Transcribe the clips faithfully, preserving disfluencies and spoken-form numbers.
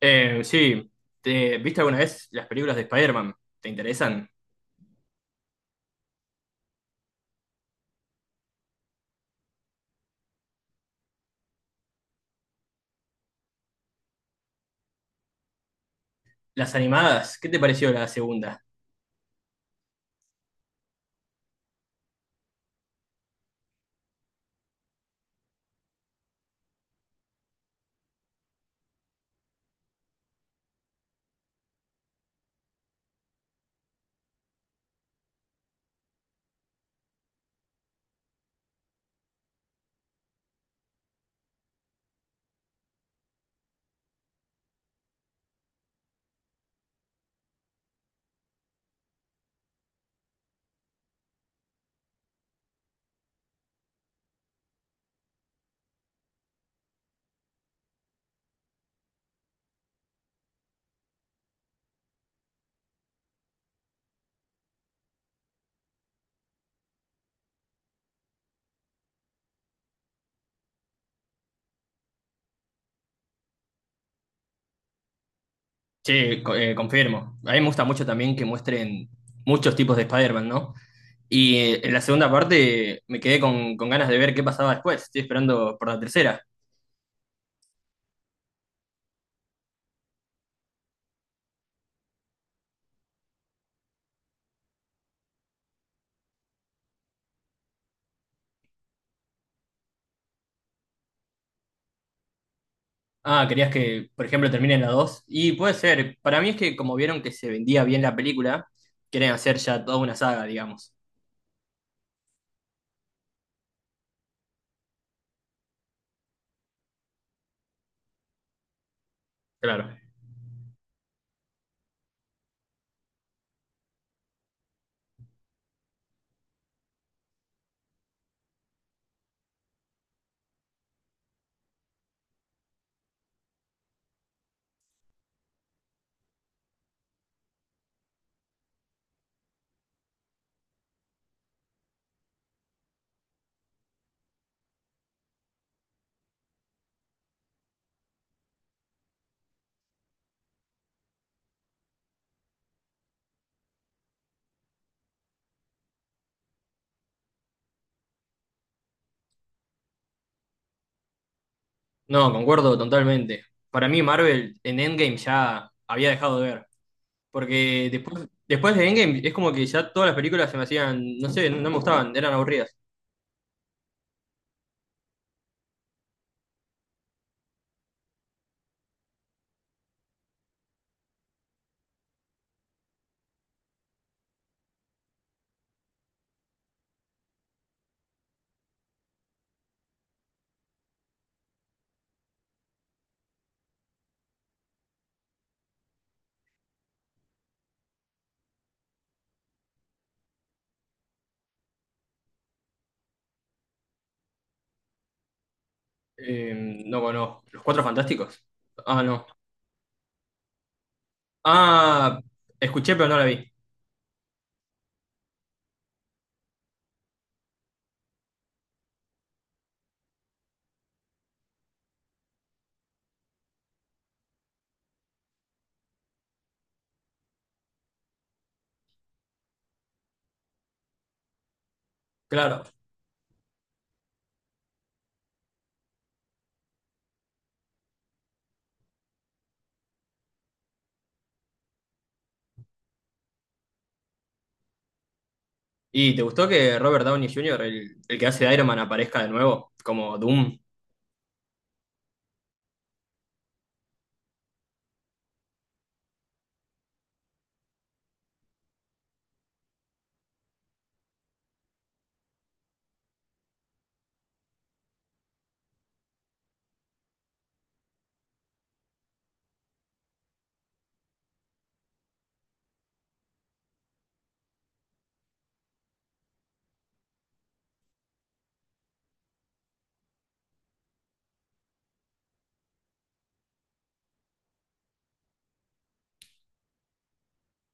Eh, sí. ¿Te- viste alguna vez las películas de Spider-Man? ¿Te interesan? Las animadas, ¿qué te pareció la segunda? Sí, co- eh, confirmo. A mí me gusta mucho también que muestren muchos tipos de Spider-Man, ¿no? Y eh, en la segunda parte me quedé con, con ganas de ver qué pasaba después. Estoy esperando por la tercera. Ah, querías que, por ejemplo, termine en la dos. Y puede ser. Para mí es que como vieron que se vendía bien la película, quieren hacer ya toda una saga, digamos. Claro. No, concuerdo totalmente. Para mí Marvel en Endgame ya había dejado de ver, porque después, después de Endgame es como que ya todas las películas se me hacían, no sé, no me gustaban, eran aburridas. Eh, no, bueno, Los Cuatro Fantásticos. Ah, no. Ah, escuché pero no la vi. Claro. ¿Y te gustó que Robert Downey junior, el, el que hace de Iron Man, aparezca de nuevo como Doom?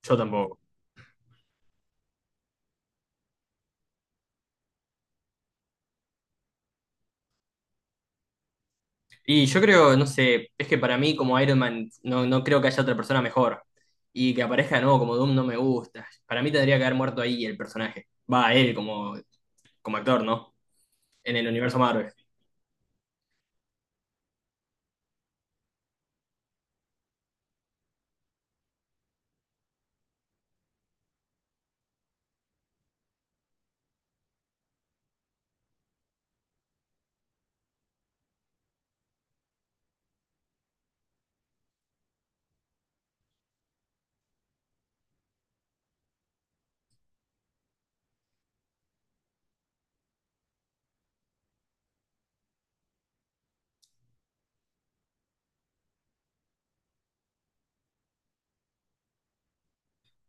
Yo tampoco. Y yo creo, no sé, es que para mí como Iron Man no, no creo que haya otra persona mejor. Y que aparezca de nuevo como Doom no me gusta. Para mí tendría que haber muerto ahí el personaje. Va, él como, como actor, ¿no? En el universo Marvel.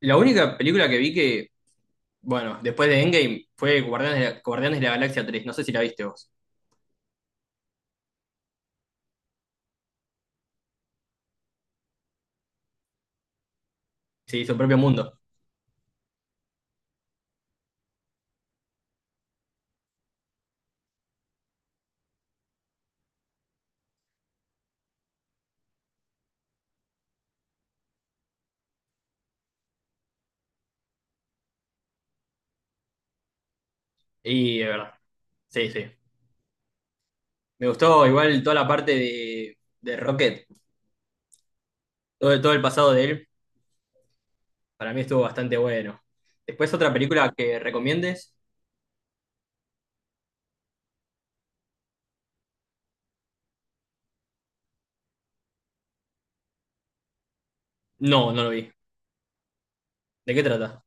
La única película que vi que, bueno, después de Endgame fue Guardianes de la, Guardianes de la Galaxia tres. No sé si la viste vos. Sí, su propio mundo. Y de verdad. Sí, sí. Me gustó igual toda la parte de, de Rocket. Todo, todo el pasado de él. Para mí estuvo bastante bueno. Después otra película que recomiendes. No, no lo vi. ¿De qué trata?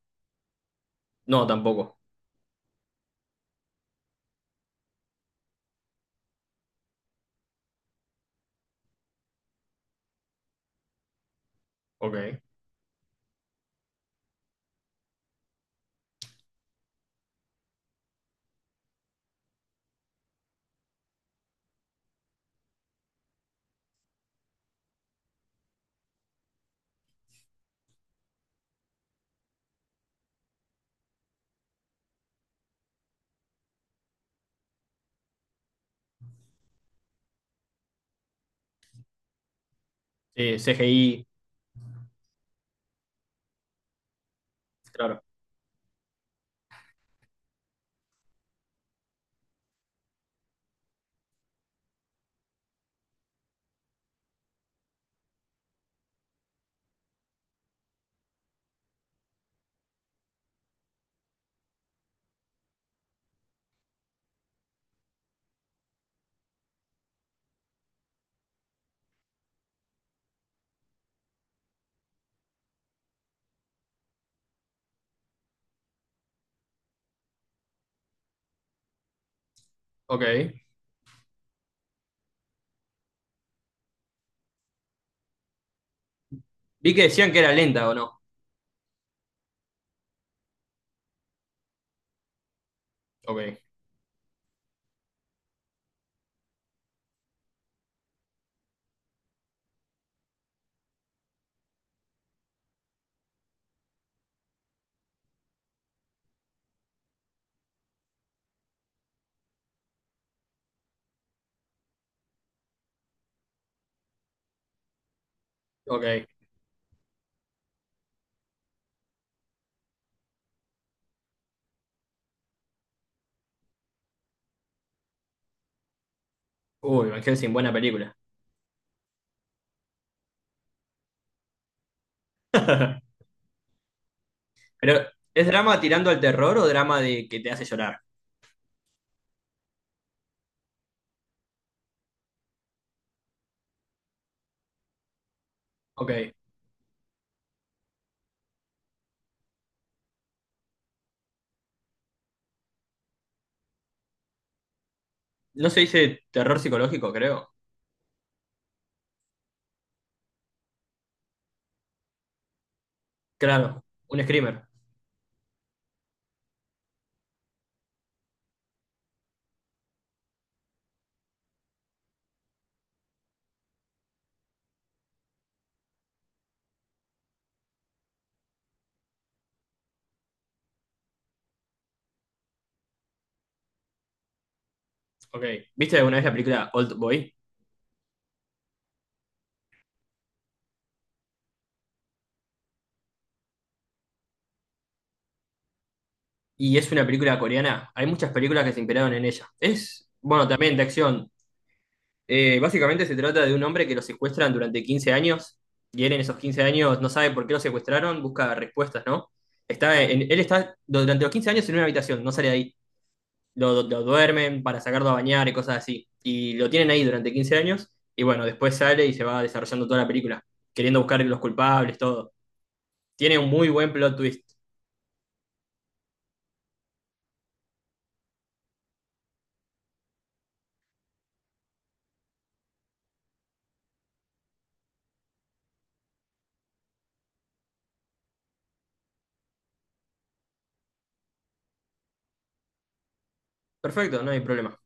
No, tampoco. Ok. Sí, C G I, claro. Ok. Vi que decían que era lenta o no. Ok, ok. Uy, Van Helsing, buena película. Pero, ¿es drama tirando al terror o drama de que te hace llorar? Ok. No se dice terror psicológico, creo. Claro, un screamer. Ok. ¿Viste alguna vez la película Old Boy? Y es una película coreana. Hay muchas películas que se inspiraron en ella. Es, bueno, también de acción. Eh, básicamente se trata de un hombre que lo secuestran durante quince años y él en esos quince años no sabe por qué lo secuestraron, busca respuestas, ¿no? Está en- él está durante los quince años en una habitación, no sale de ahí. Lo, lo duermen para sacarlo a bañar y cosas así. Y lo tienen ahí durante quince años y bueno, después sale y se va desarrollando toda la película, queriendo buscar los culpables, todo. Tiene un muy buen plot twist. Perfecto, no hay problema.